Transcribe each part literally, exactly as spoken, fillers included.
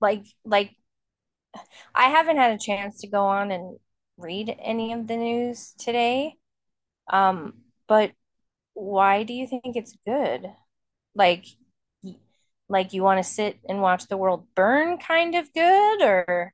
like like I haven't had a chance to go on and read any of the news today. Um, but why do you think it's good? Like like you want to sit and watch the world burn, kind of good or—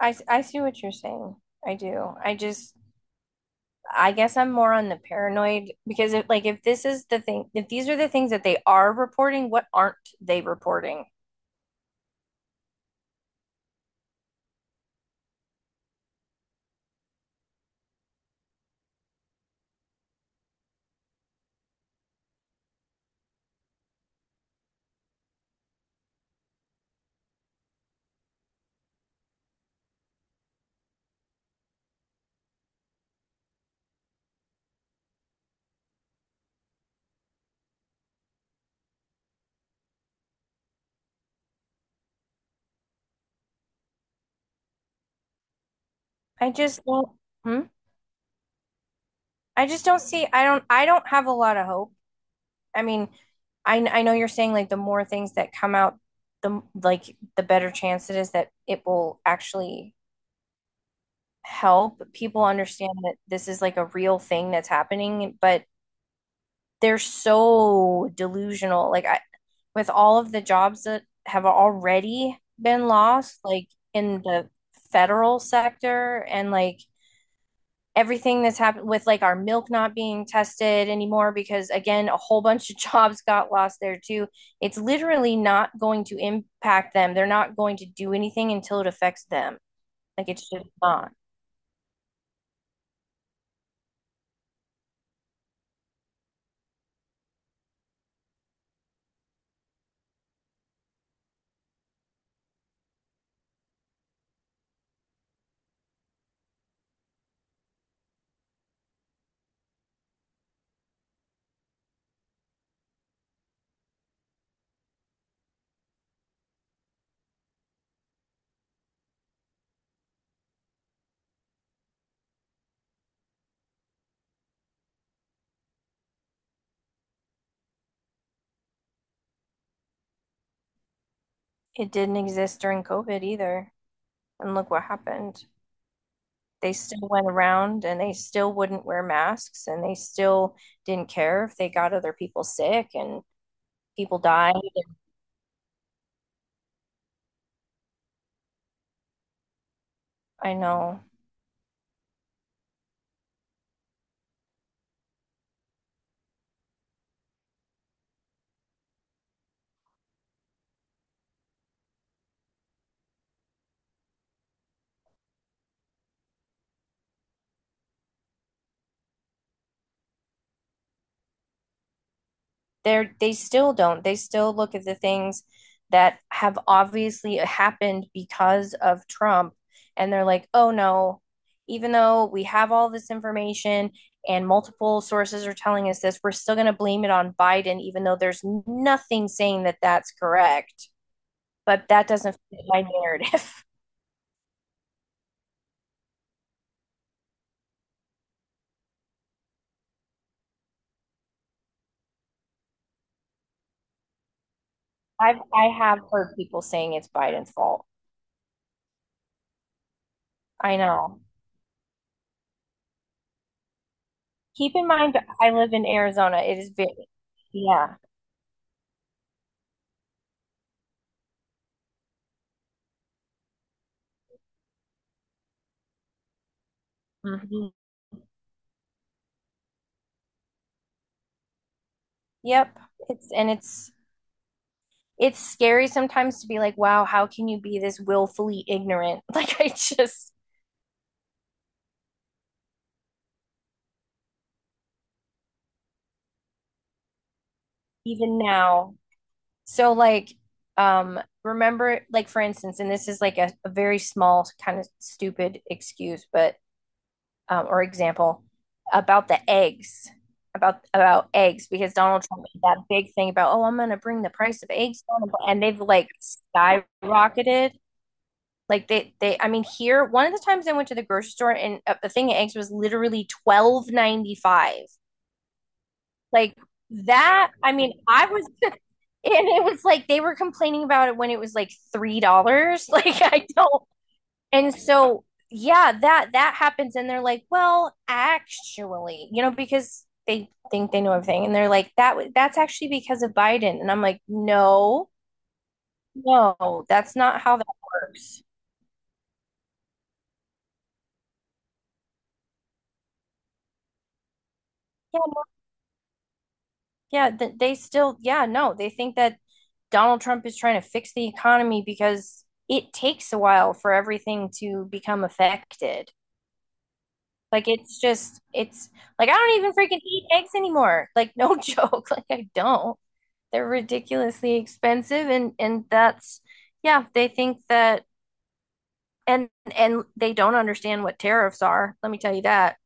I, I see what you're saying. I do. I just I guess I'm more on the paranoid, because if like if this is the thing, if these are the things that they are reporting, what aren't they reporting? I just don't Hmm? I just don't see. I don't I don't have a lot of hope. I mean, I I know you're saying like the more things that come out, the like the better chance it is that it will actually help people understand that this is like a real thing that's happening, but they're so delusional. Like, I, with all of the jobs that have already been lost, like in the federal sector, and like everything that's happened with like our milk not being tested anymore, because again, a whole bunch of jobs got lost there too. It's literally not going to impact them. They're not going to do anything until it affects them. Like, it's just not. It didn't exist during covid either, and look what happened. They still went around and they still wouldn't wear masks and they still didn't care if they got other people sick, and people died. I know. They're they still don't. They still look at the things that have obviously happened because of Trump, and they're like, "Oh no, even though we have all this information and multiple sources are telling us this, we're still going to blame it on Biden, even though there's nothing saying that that's correct." But that doesn't fit my narrative. I've I have heard people saying it's Biden's fault. I know. Keep in mind, I live in Arizona. It is very, yeah. Mhm. Yep. It's and it's it's scary sometimes to be like, wow, how can you be this willfully ignorant? Like, I just even now. So, like, um remember, like, for instance, and this is like a, a very small, kind of stupid excuse, but um or example, about the eggs. About about eggs, because Donald Trump made that big thing about, oh, I'm gonna bring the price of eggs down, and they've, like, skyrocketed. Like, they, they, I mean, here, one of the times I went to the grocery store, and uh, the thing of eggs was literally twelve ninety five. Like, that, I mean, I was, and it was like they were complaining about it when it was like three dollars. Like I don't, and so, yeah, that that happens, and they're like, well, actually, you know, because they think they know everything, and they're like that. was- That's actually because of Biden, and I'm like, no, no, that's not how that works. Yeah, yeah, they still, yeah, no, they think that Donald Trump is trying to fix the economy because it takes a while for everything to become affected. Like, it's just, it's like I don't even freaking eat eggs anymore. Like, no joke, like, I don't. They're ridiculously expensive, and and that's yeah, they think that, and and they don't understand what tariffs are. Let me tell you that.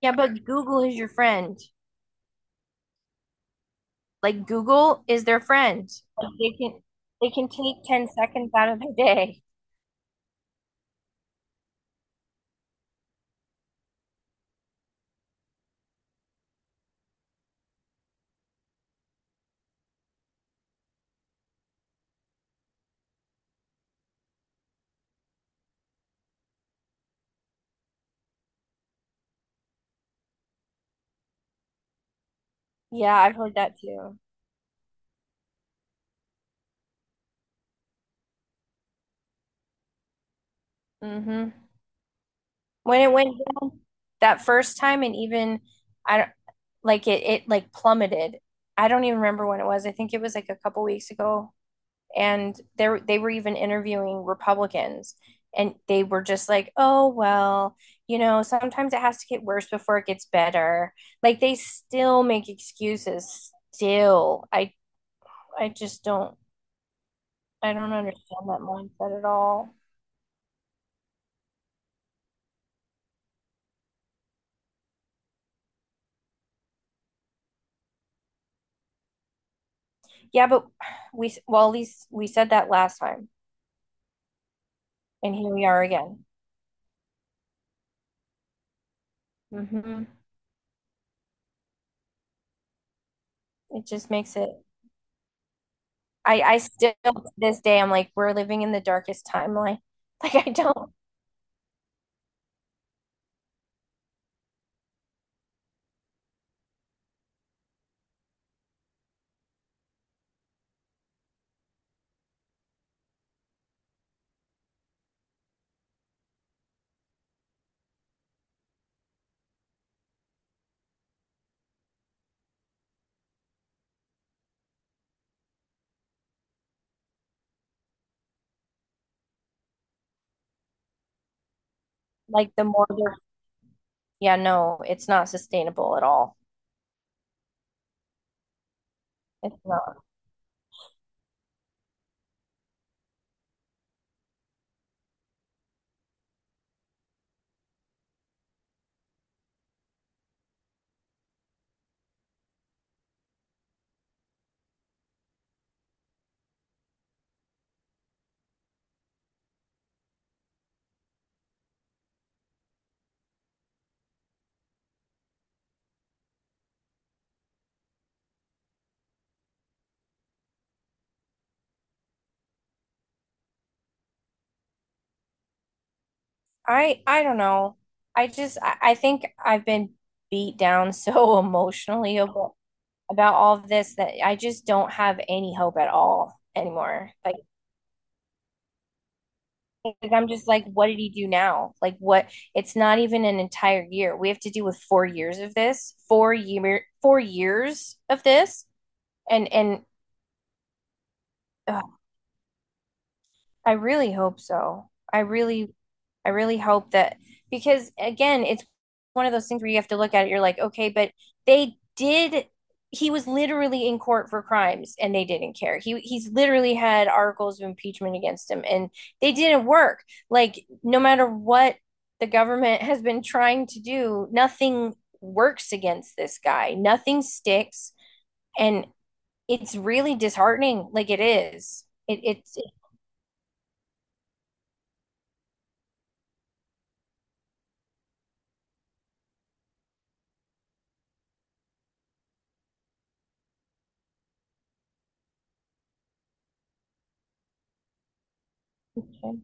Yeah, but Google is your friend. Like, Google is their friend. Like they can they can take ten seconds out of their day. Yeah, I've heard that too. Hmm. When it went down that first time, and even I don't like it it like plummeted. I don't even remember when it was. I think it was like a couple weeks ago. And they they were even interviewing Republicans, and they were just like, "Oh, well, you know, sometimes it has to get worse before it gets better." Like, they still make excuses still. I I just don't I don't understand that mindset at all. Yeah, but we, well, at least we said that last time, and here we are again. Hmm. It just makes it I I still, to this day, I'm like, we're living in the darkest timeline. Like, I don't— like, the more they're— yeah, no, it's not sustainable at all. It's not. I I don't know. I just I, I think I've been beat down so emotionally about, about all of this, that I just don't have any hope at all anymore. Like, like I'm just like, what did he do now? Like, what? It's not even an entire year. We have to deal with four years of this, four year, four years of this, and and ugh, I really hope so. I really, I really hope that, because again, it's one of those things where you have to look at it. You're like, okay, but they did. He was literally in court for crimes, and they didn't care. He he's literally had articles of impeachment against him, and they didn't work. Like, no matter what the government has been trying to do, nothing works against this guy. Nothing sticks, and it's really disheartening. Like, it is. It, it's Okay.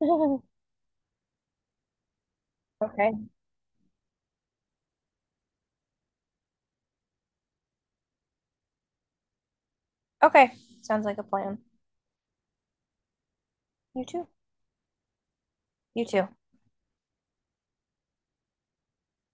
Okay. Okay. Sounds like a plan. You too. You too.